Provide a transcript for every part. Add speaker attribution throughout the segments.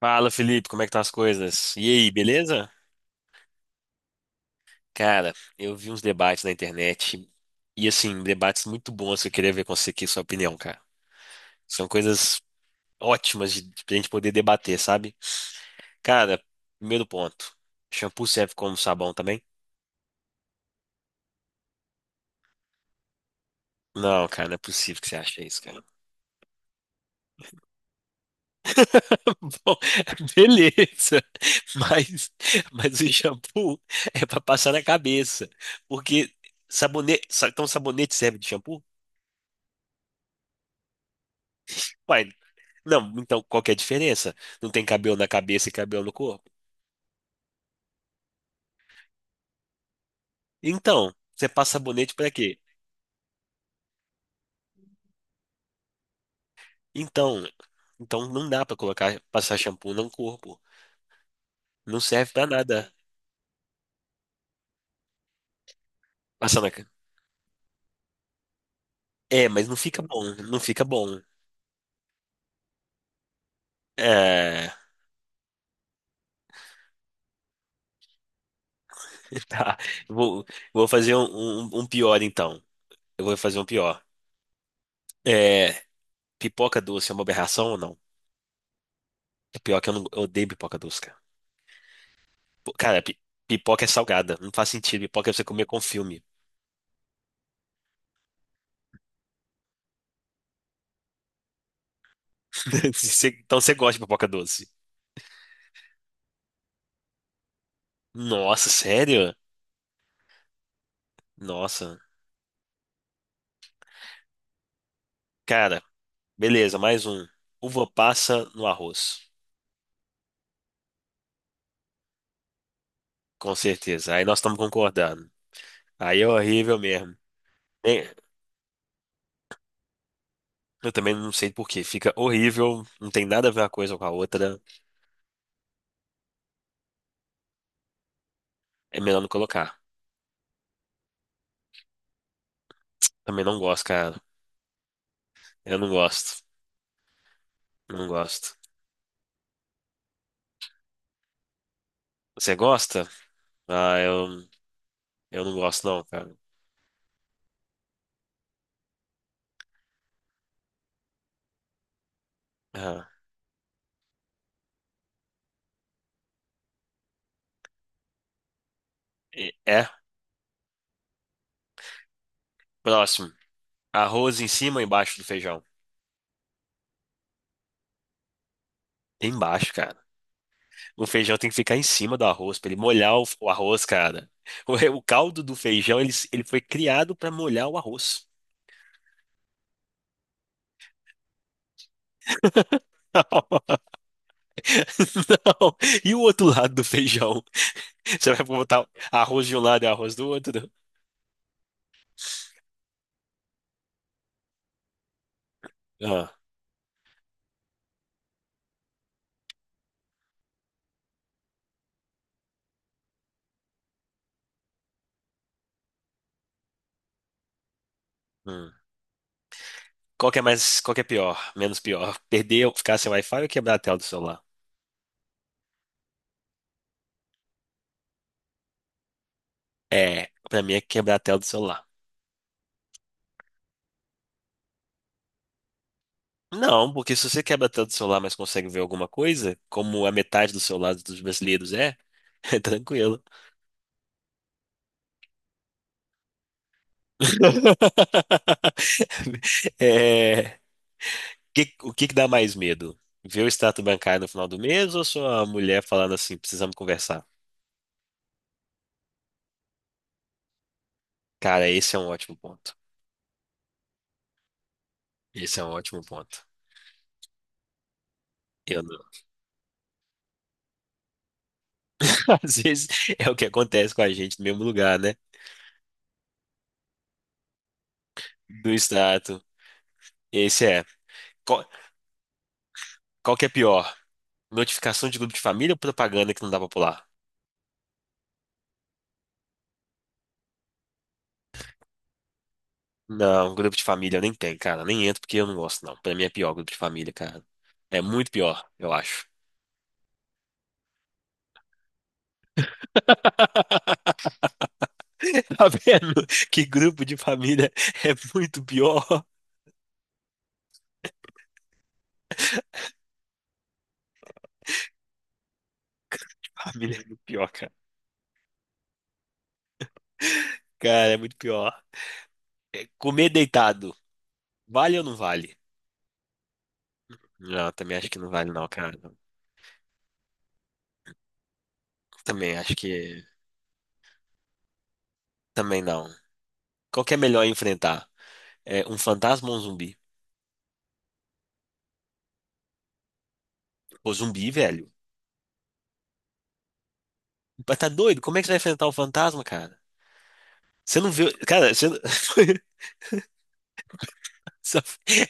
Speaker 1: Fala, Felipe, como é que estão as coisas? E aí, beleza? Cara, eu vi uns debates na internet e assim, debates muito bons que eu queria ver com você aqui, sua opinião, cara. São coisas ótimas de a gente poder debater, sabe? Cara, primeiro ponto. Shampoo serve como sabão também? Não, cara, não é possível que você ache isso, cara. Bom, beleza. Mas, mas o shampoo é pra passar na cabeça. Porque então sabonete serve de shampoo? Uai, não, então qual que é a diferença? Não tem cabelo na cabeça e cabelo no corpo? Então, você passa sabonete pra quê? Então, então não dá pra colocar, passar shampoo no corpo. Não serve pra nada. Passar na... ca- É, mas não fica bom, não fica bom. É, tá. Vou, vou fazer um pior então. Eu vou fazer um pior. É, pipoca doce é uma aberração ou não? É pior que eu, não, eu odeio pipoca doce, cara. Pô, Cara, pi- pipoca é salgada. Não faz sentido. Pipoca é pra você comer com filme. Então você gosta de pipoca doce? Nossa, sério? Nossa. Cara, beleza, mais um. Uva passa no arroz. Com certeza. Aí nós estamos concordando. Aí é horrível mesmo. É, eu também não sei por quê. Fica horrível. Não tem nada a ver uma coisa com a outra. É melhor não colocar. Também não gosto, cara. Eu não gosto. Não gosto. Você gosta? Ah, eu, eu não gosto, não, cara. Ah, É. Próximo. Arroz em cima ou embaixo do feijão? Embaixo, cara. O feijão tem que ficar em cima do arroz, pra ele molhar o arroz, cara. O caldo do feijão, ele foi criado pra molhar o arroz. Não. E o outro lado do feijão? Você vai botar arroz de um lado e arroz do outro? Ah, hum. Qual que é mais, qual que é pior? Menos pior? Perder ou ficar sem Wi-Fi ou quebrar a tela do celular? É, pra mim é quebrar a tela do celular. Não, porque se você quebra a tela do celular, mas consegue ver alguma coisa, como a metade do celular dos brasileiros é, é tranquilo. É, o que que dá mais medo? Ver o extrato bancário no final do mês ou sua mulher falando assim, precisamos conversar? Cara, esse é um ótimo ponto. Esse é um ótimo ponto. Eu não. Às vezes é o que acontece com a gente no mesmo lugar, né? Do extrato. Esse é. Qual, qual que é pior? Notificação de grupo de família ou propaganda que não dá pra pular? Não, grupo de família eu nem tem, cara. Nem entro porque eu não gosto, não. Pra mim é pior grupo de família, cara. É muito pior, eu acho. Tá vendo? Que grupo de família é muito pior. Família é muito pior, cara. Cara, é muito pior. É, comer deitado, vale ou não vale? Não, eu também acho que não vale, não, cara. Também acho que. Também não. Qual que é melhor enfrentar? É um fantasma ou um zumbi? Pô, zumbi, velho. Mas tá doido? Como é que você vai enfrentar um fantasma, cara? Você não vê. Cara, você. Só...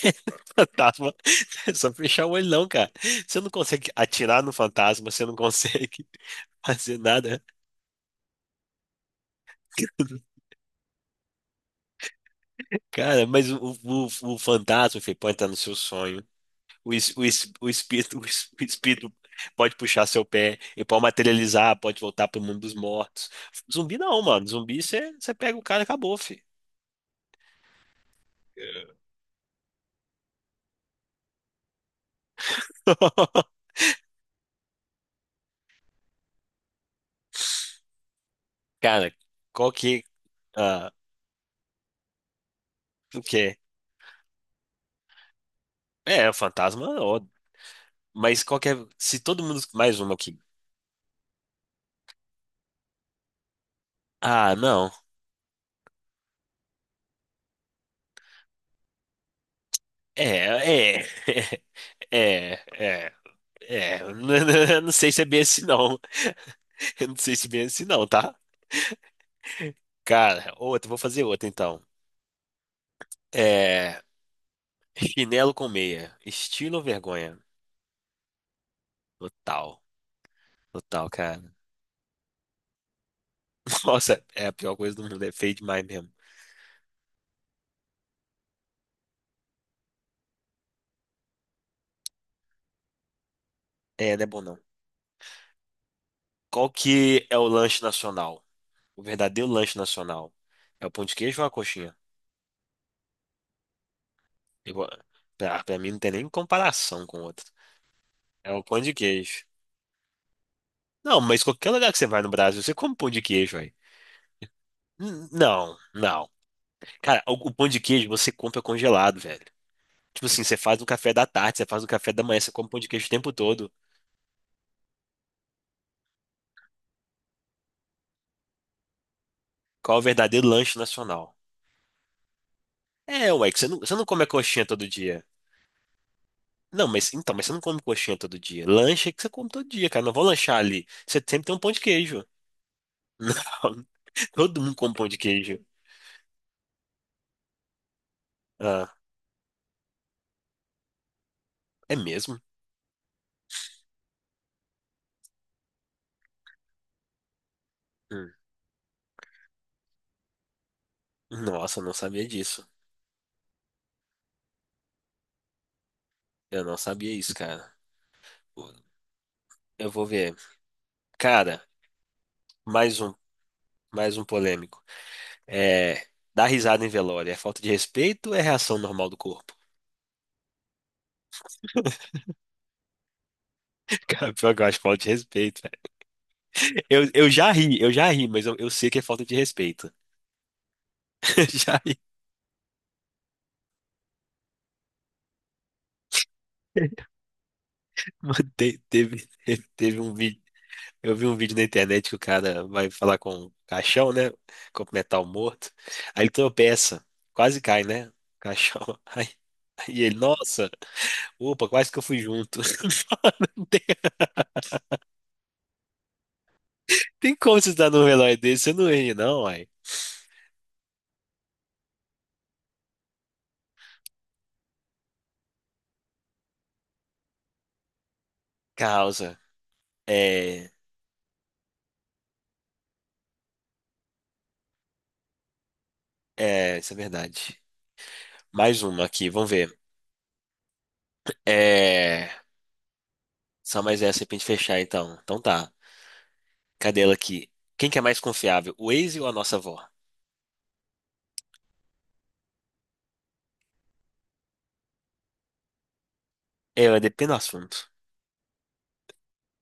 Speaker 1: Fantasma. É só fechar o olho, não, cara. Você não consegue atirar no fantasma, você não consegue fazer nada. Cara, mas o fantasma, filho, pode estar no seu sonho. O espírito, o espírito pode puxar seu pé, ele pode materializar, pode voltar pro mundo dos mortos. Zumbi não, mano. Zumbi, você pega o cara e acabou, filho. Cara, qual que. Ah, o quê? É, o fantasma, ó, mas qual que é. Se todo mundo. Mais uma aqui. Ah, não. É, é, é, é, é. Eu não sei se é bem assim, não. Eu não sei se é bem assim, não, tá? Cara, outra, vou fazer outra então. É, chinelo com meia, estilo ou vergonha? Total, total, cara. Nossa, é a pior coisa do mundo, é feio demais mesmo. É, não é bom não. Qual que é o lanche nacional? O verdadeiro lanche nacional? É o pão de queijo ou a coxinha? Eu, vou- pra, pra mim não tem nem comparação com o outro. É o pão de queijo. Não, mas qualquer lugar que você vai no Brasil, você come pão de queijo, velho. Não, não. Cara, o pão de queijo você compra congelado, velho. Tipo assim, você faz no café da tarde, você faz no café da manhã, você come pão de queijo o tempo todo. Qual é o verdadeiro lanche nacional? É, ué, que você não come a coxinha todo dia. Não, mas então, mas você não come coxinha todo dia. Lanche é que você come todo dia, cara. Não vou lanchar ali. Você sempre tem um pão de queijo. Não, todo mundo come pão de queijo. Ah, é mesmo? Hum. Nossa, eu não sabia disso. Eu não sabia isso, cara. Eu vou ver. Cara. Mais um, mais um polêmico. É, dar risada em velório é falta de respeito ou é reação normal do corpo? Cara, pior que eu acho falta de respeito, velho. Eu já ri, mas eu sei que é falta de respeito. Já ri. Mano, teve, teve um vídeo. Eu vi um vídeo na internet que o cara vai falar com o caixão, né? Cumprimentar o morto. Aí ele tropeça, quase cai, né? O caixão. Aí, aí ele, nossa, opa, quase que eu fui junto. Mano, tem como você dar num relógio desse? Você não ri, não, uai. Causa. É. É, isso é verdade. Mais uma aqui, vamos ver. É. Só mais essa aí pra gente fechar, então. Então tá. Cadê ela aqui? Quem que é mais confiável, o Waze ou a nossa avó? É, ela depende do assunto.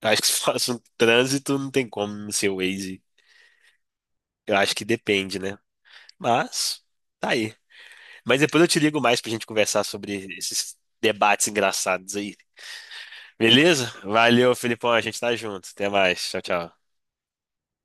Speaker 1: Eu acho que se for assunto de trânsito, não tem como não ser o Waze. Eu acho que depende, né? Mas, tá aí. Mas depois eu te ligo mais pra gente conversar sobre esses debates engraçados aí. Beleza? Valeu, Felipão. A gente tá junto. Até mais. Tchau, tchau.